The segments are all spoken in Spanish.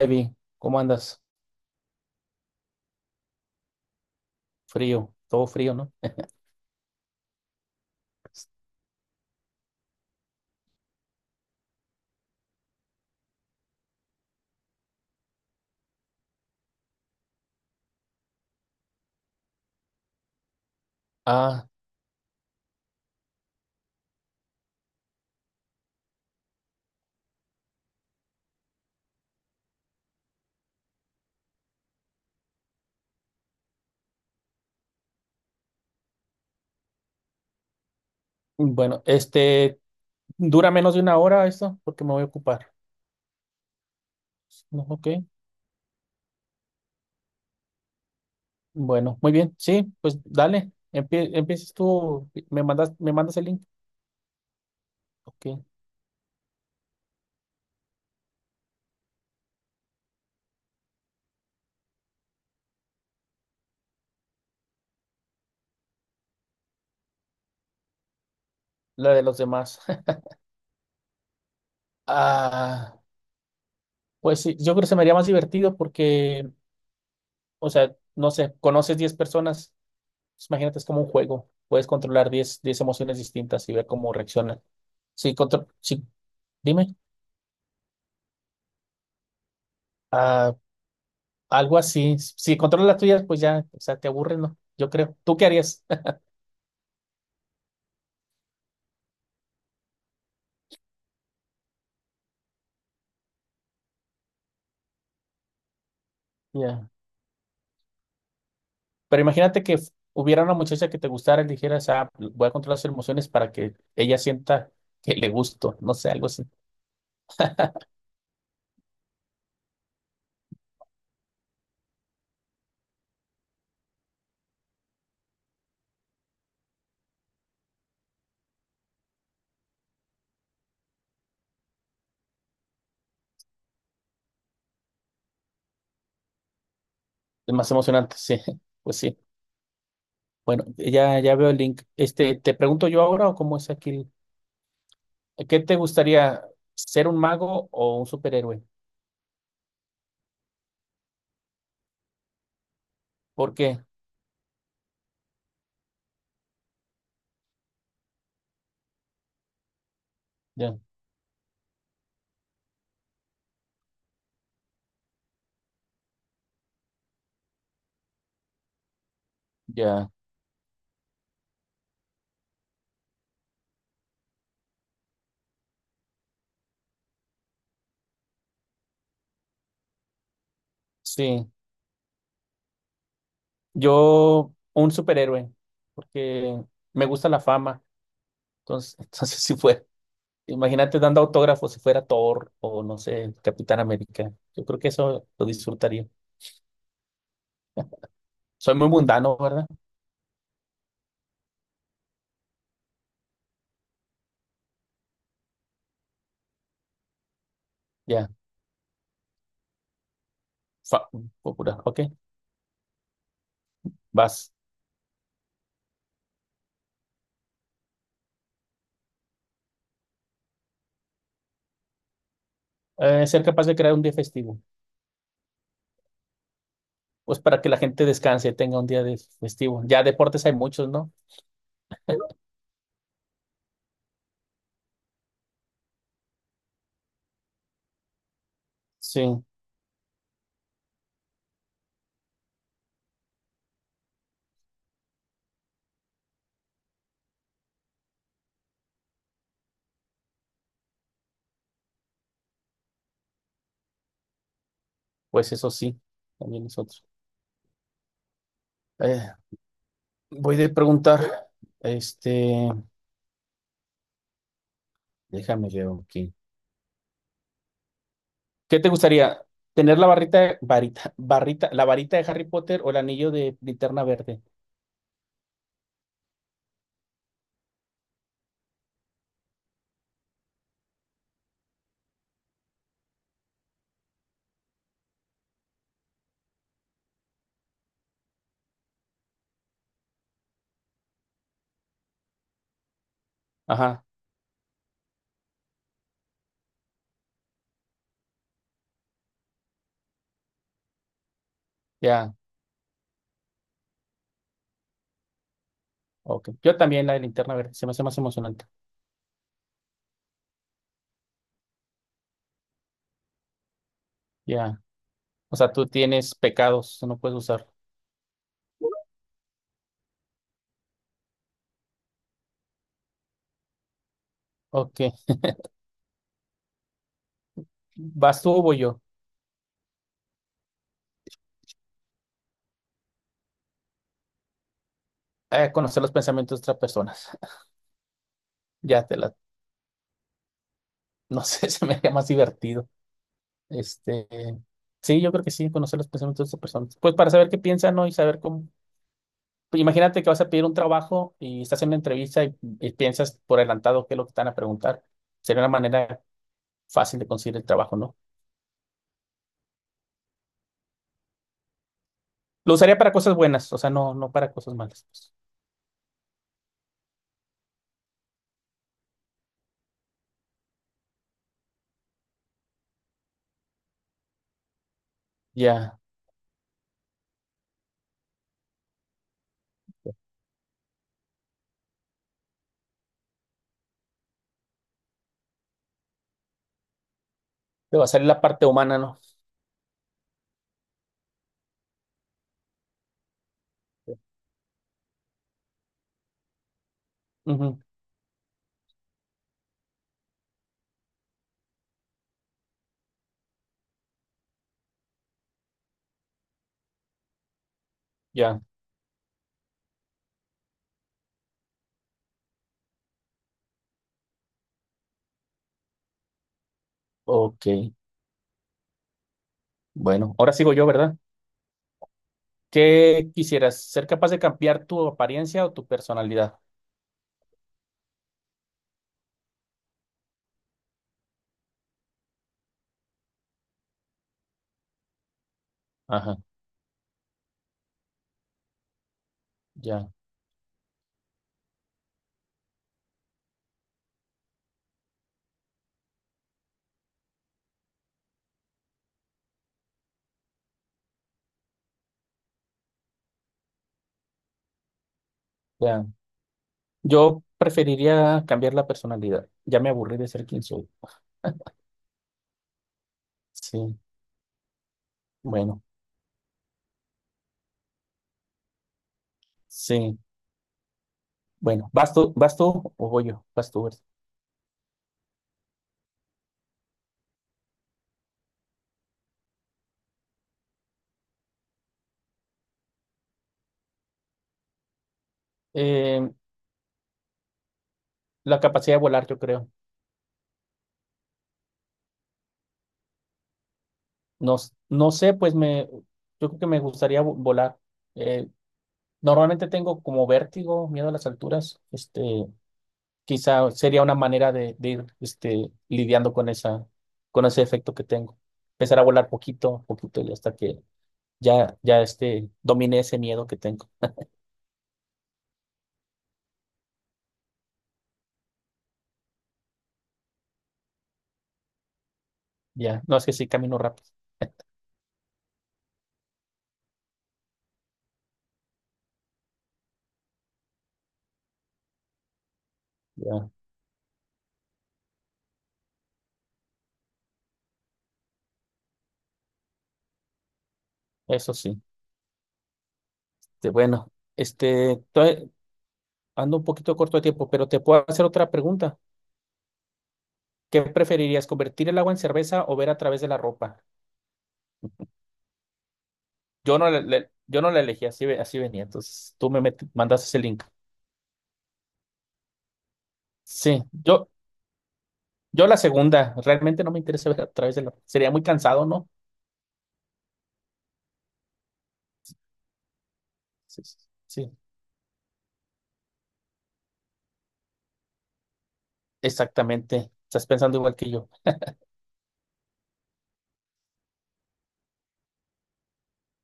Evi, ¿cómo andas? Frío, todo frío, ¿no? Ah, bueno, este, ¿dura menos de una hora esto? Porque me voy a ocupar. No, ok, bueno, muy bien, sí, pues dale, empieces tú, me mandas el link. Ok, la de los demás. Ah, pues sí, yo creo que se me haría más divertido porque, o sea, no sé, conoces 10 personas, pues imagínate, es como un juego, puedes controlar diez emociones distintas y ver cómo reaccionan. Sí, sí, dime. Ah, algo así. Si controlas las tuyas, pues ya, o sea, te aburres, ¿no? Yo creo. ¿Tú qué harías? Ya. Pero imagínate que hubiera una muchacha que te gustara y le dijeras, ah, voy a controlar sus emociones para que ella sienta que le gusto, no sé, algo así. Es más emocionante, sí, pues sí. Bueno, ya, ya veo el link. Este, ¿te pregunto yo ahora o cómo es aquí? ¿Qué te gustaría, ser un mago o un superhéroe? ¿Por qué? Ya, ya, sí. Yo, un superhéroe, porque me gusta la fama. Entonces, entonces sí fue. Imagínate dando autógrafos si fuera Thor o no sé, Capitán América. Yo creo que eso lo disfrutaría. Soy muy mundano, ¿verdad? Ya, fa- popular. Ok, vas. Ser capaz de crear un día festivo. Pues para que la gente descanse, tenga un día de festivo. Ya deportes hay muchos, ¿no? Sí, pues eso sí, también nosotros. Eh, voy a preguntar, este, déjame ver aquí. ¿Qué te gustaría? ¿Tener la barrita, varita, barrita, la varita de Harry Potter o el anillo de linterna verde? Ajá, ya, ok. Yo también la de linterna verde, se me hace más emocionante. Ya, o sea, tú tienes pecados, no puedes usar. Ok, ¿vas tú o voy yo? A conocer los pensamientos de otras personas. Ya te la, no sé, se me haría más divertido. Este, sí, yo creo que sí, conocer los pensamientos de otras personas. Pues para saber qué piensan, ¿no? Y saber cómo. Imagínate que vas a pedir un trabajo y estás en una entrevista y piensas por adelantado qué es lo que te van a preguntar. Sería una manera fácil de conseguir el trabajo, ¿no? Lo usaría para cosas buenas, o sea, no, no para cosas malas, pues. Ya, te va a salir la parte humana, ¿no? Ujú, ya, ok. Bueno, ahora sigo yo, ¿verdad? ¿Qué quisieras? ¿Ser capaz de cambiar tu apariencia o tu personalidad? Ajá, ya, ya. Yo preferiría cambiar la personalidad. Ya me aburrí de ser quien soy. Sí, bueno, sí. Bueno, ¿vas tú o voy yo? Vas tú, ¿verdad? Eh, la capacidad de volar, yo creo. No, no sé, pues yo creo que me gustaría volar. Eh, normalmente tengo como vértigo, miedo a las alturas. Este, quizá sería una manera de ir, este, lidiando con esa, con ese efecto que tengo. Empezar a volar poquito, a poquito y hasta que ya, ya este, domine ese miedo que tengo. Ya, no es que sí camino rápido. Ya, eso sí. Este, bueno, este, ando un poquito corto de tiempo, pero te puedo hacer otra pregunta. ¿Qué preferirías, convertir el agua en cerveza o ver a través de la ropa? Yo no, yo no la elegí, así, así venía. Entonces tú me mandaste ese link. Sí, yo la segunda. Realmente no me interesa ver a través de la ropa. Sería muy cansado, ¿no? Sí, sí, sí, exactamente. Estás pensando igual que yo.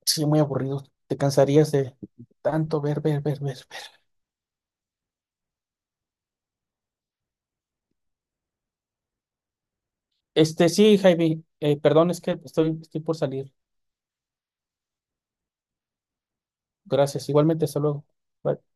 Sí, muy aburrido. Te cansarías de tanto ver, ver, ver, ver, ver. Este, sí, Javi, perdón, es que estoy por salir. Gracias. Igualmente, hasta luego. Bye.